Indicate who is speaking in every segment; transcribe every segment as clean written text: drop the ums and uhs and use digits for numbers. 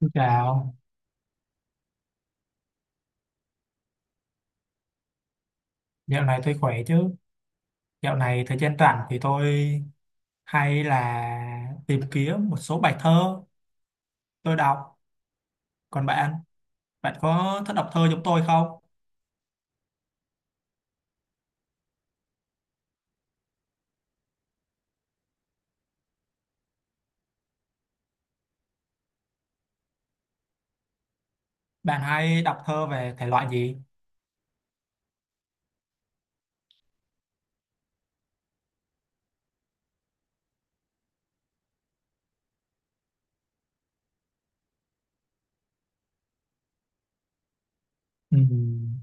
Speaker 1: Xin chào. Dạo này tôi khỏe chứ? Dạo này thời gian rảnh thì tôi hay là tìm kiếm một số bài thơ tôi đọc. Còn bạn, bạn có thích đọc thơ giống tôi không? Bạn hay đọc thơ về thể loại gì? Ừm.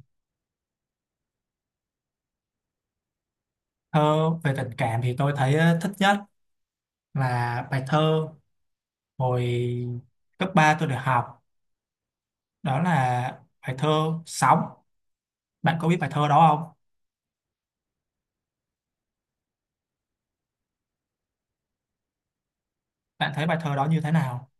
Speaker 1: Thơ về tình cảm thì tôi thấy thích nhất là bài thơ hồi cấp 3 tôi được học. Đó là bài thơ Sóng. Bạn có biết bài thơ đó không? Bạn thấy bài thơ đó như thế nào?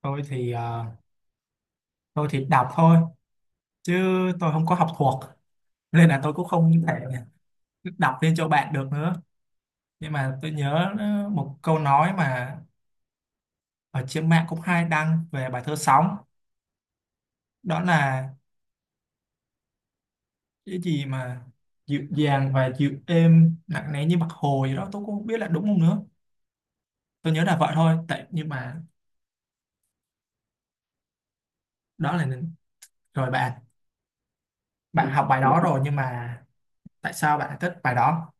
Speaker 1: Tôi thì ờ, tôi thì đọc thôi chứ tôi không có học thuộc, nên là tôi cũng không thể đọc lên cho bạn được nữa, nhưng mà tôi nhớ một câu nói mà ở trên mạng cũng hay đăng về bài thơ Sóng. Đó là cái gì mà dịu dàng và dịu êm, nặng nề như mặt hồ gì đó, tôi cũng không biết là đúng không nữa. Tôi nhớ là vậy thôi. Tại nhưng mà đó là, rồi bạn bạn học bài đó rồi, nhưng mà tại sao bạn lại thích bài đó?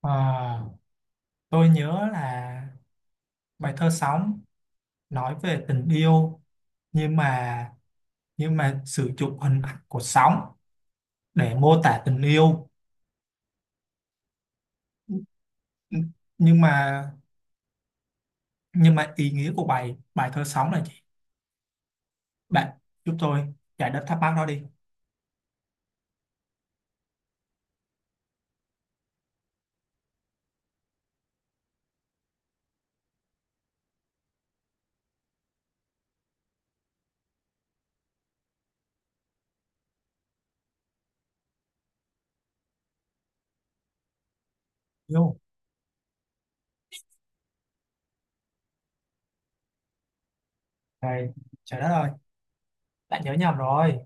Speaker 1: Ờ, tôi nhớ là bài thơ Sóng nói về tình yêu, nhưng mà nhưng mà sử dụng hình ảnh của sóng để mô tả tình yêu. Nhưng mà nhưng mà ý nghĩa của bài bài thơ Sóng là gì? Bạn giúp tôi giải đáp thắc mắc đó đi. Yêu này, trời đất ơi, bạn nhớ nhầm rồi!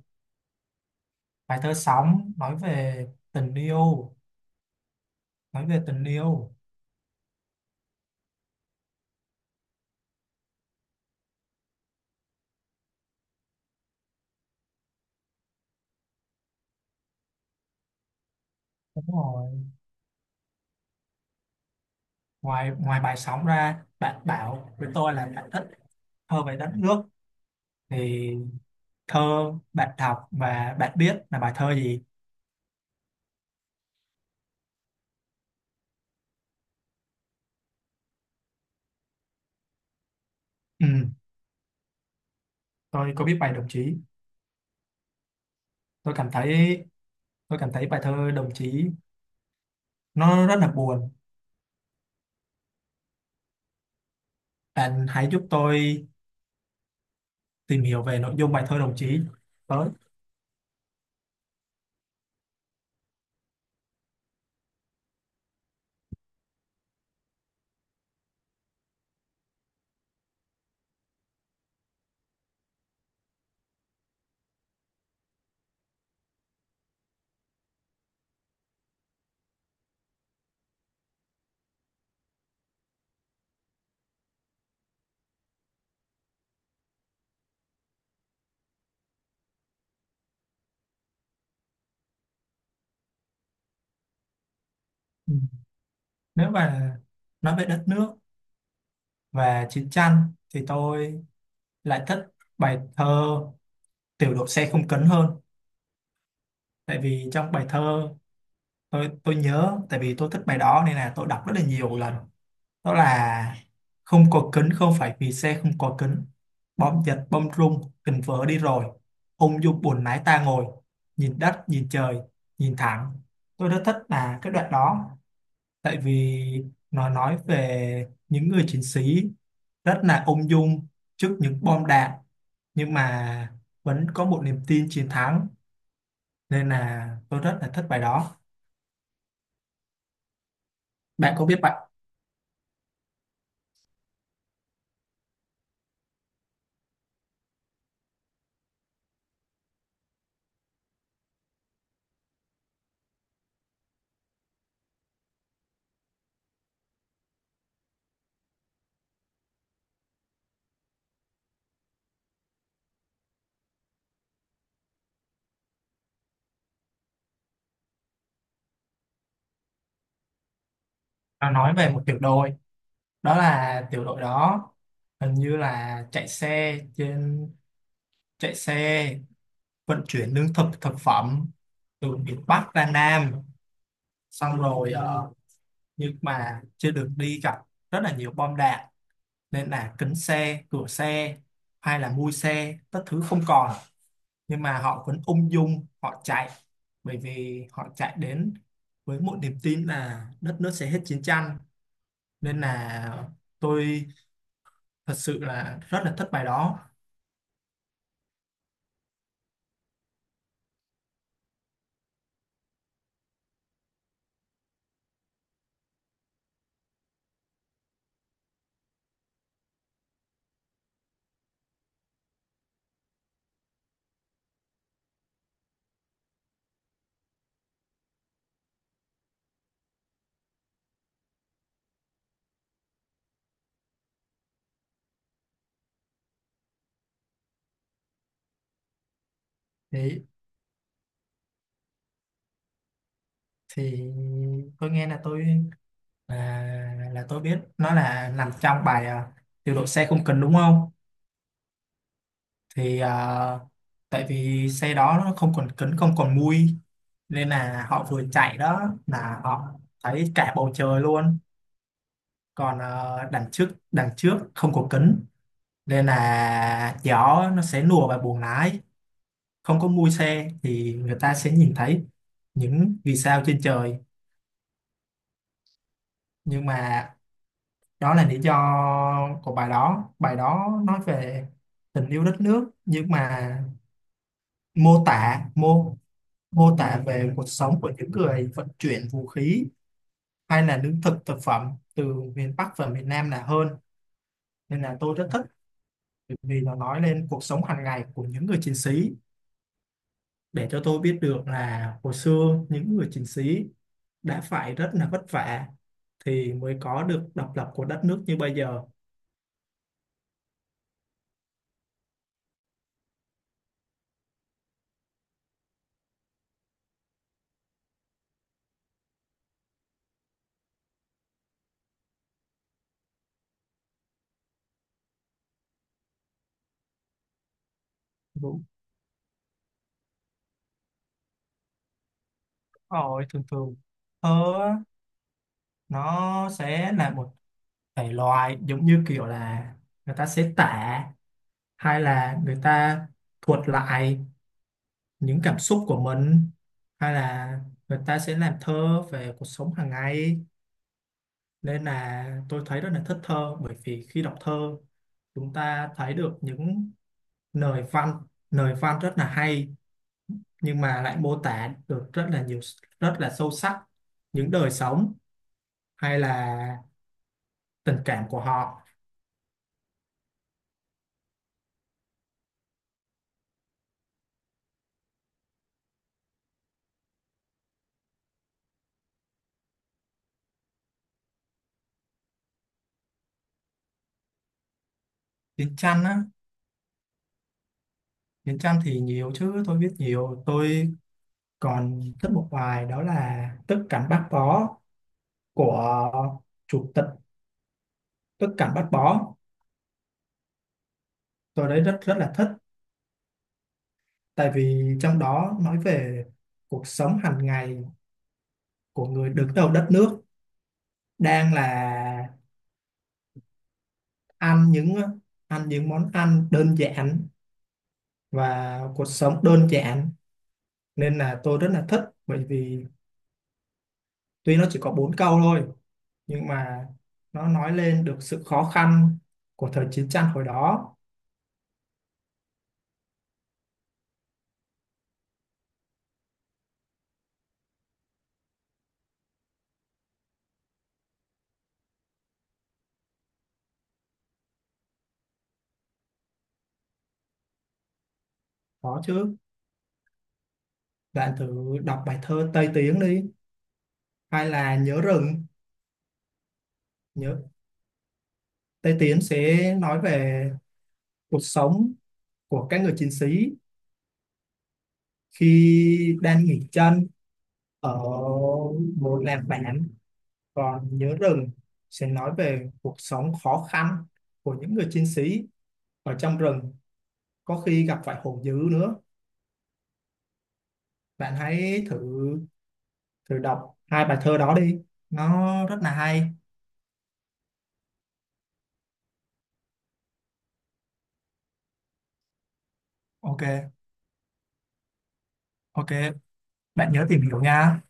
Speaker 1: Bài thơ Sóng nói về tình yêu, nói về tình yêu, đúng rồi. Ngoài ngoài bài Sóng ra, bạn bảo với tôi là bạn thích thơ về đất nước, thì thơ bạn đọc và bạn biết là bài thơ gì? Ừ, tôi có biết bài Đồng Chí. Tôi cảm thấy Tôi cảm thấy bài thơ Đồng Chí nó rất là buồn. Bạn hãy giúp tôi tìm hiểu về nội dung bài thơ Đồng Chí tới. Ừ. Nếu mà nói về đất nước và chiến tranh thì tôi lại thích bài thơ Tiểu đội xe không cấn hơn. Tại vì trong bài thơ tôi nhớ, tại vì tôi thích bài đó nên là tôi đọc rất là nhiều lần. Đó là: không có kính không phải vì xe không có kính, bom giật bom rung tình vỡ đi rồi, ung dung buồn lái ta ngồi, nhìn đất nhìn trời nhìn thẳng. Tôi rất thích là cái đoạn đó, tại vì nó nói về những người chiến sĩ rất là ung dung trước những bom đạn, nhưng mà vẫn có một niềm tin chiến thắng, nên là tôi rất là thích bài đó. Bạn có biết bạn. Nó nói về một tiểu đội, đó là tiểu đội đó hình như là chạy xe vận chuyển lương thực thực phẩm từ miền Bắc ra Nam, xong rồi nhưng mà trên đường đi gặp rất là nhiều bom đạn, nên là kính xe, cửa xe hay là mui xe tất thứ không còn, nhưng mà họ vẫn ung dung họ chạy, bởi vì họ chạy đến với một niềm tin là đất nước sẽ hết chiến tranh, nên là tôi thật sự là rất là thích bài đó. Thì thì tôi nghe là tôi, là là tôi biết nó là nằm trong bài điều độ xe không cần, đúng không? Thì tại vì xe đó nó không còn kính không còn mui, nên là họ vừa chạy đó là họ thấy cả bầu trời luôn, còn đằng trước không có kính nên là gió nó sẽ lùa vào buồng lái, không có mui xe thì người ta sẽ nhìn thấy những vì sao trên trời. Nhưng mà đó là lý do của bài đó, bài đó nói về tình yêu đất nước, nhưng mà mô tả mô mô tả về cuộc sống của những người vận chuyển vũ khí hay là lương thực thực phẩm từ miền Bắc và miền Nam là hơn, nên là tôi rất thích, bởi vì nó nói lên cuộc sống hàng ngày của những người chiến sĩ, để cho tôi biết được là hồi xưa những người chiến sĩ đã phải rất là vất vả thì mới có được độc lập của đất nước như bây giờ. Đúng rồi. Thường thường ờ nó sẽ là một thể loại giống như kiểu là người ta sẽ tả, hay là người ta thuật lại những cảm xúc của mình, hay là người ta sẽ làm thơ về cuộc sống hàng ngày, nên là tôi thấy rất là thích thơ, bởi vì khi đọc thơ chúng ta thấy được những lời văn, lời văn rất là hay, nhưng mà lại mô tả được rất là nhiều, rất là sâu sắc những đời sống hay là tình cảm của họ. Chiến tranh á? Miền Nam thì nhiều chứ, tôi biết nhiều, tôi còn thích một bài đó là Tức cảnh Bác Bó của chủ tịch. Tức cảnh Bác Bó tôi đấy rất rất là thích, tại vì trong đó nói về cuộc sống hàng ngày của người đứng đầu đất nước, đang là ăn những ăn những món ăn đơn giản và cuộc sống đơn giản, nên là tôi rất là thích, bởi vì tuy nó chỉ có bốn câu thôi nhưng mà nó nói lên được sự khó khăn của thời chiến tranh hồi đó. Có chứ, bạn thử đọc bài thơ Tây Tiến đi, hay là Nhớ Rừng. nhớ Tây Tiến sẽ nói về cuộc sống của các người chiến sĩ khi đang nghỉ chân ở một làng bản, còn Nhớ Rừng sẽ nói về cuộc sống khó khăn của những người chiến sĩ ở trong rừng, có khi gặp phải hổ dữ nữa. Bạn hãy thử thử đọc hai bài thơ đó đi, nó rất là hay. Ok. Ok, bạn nhớ tìm hiểu nha.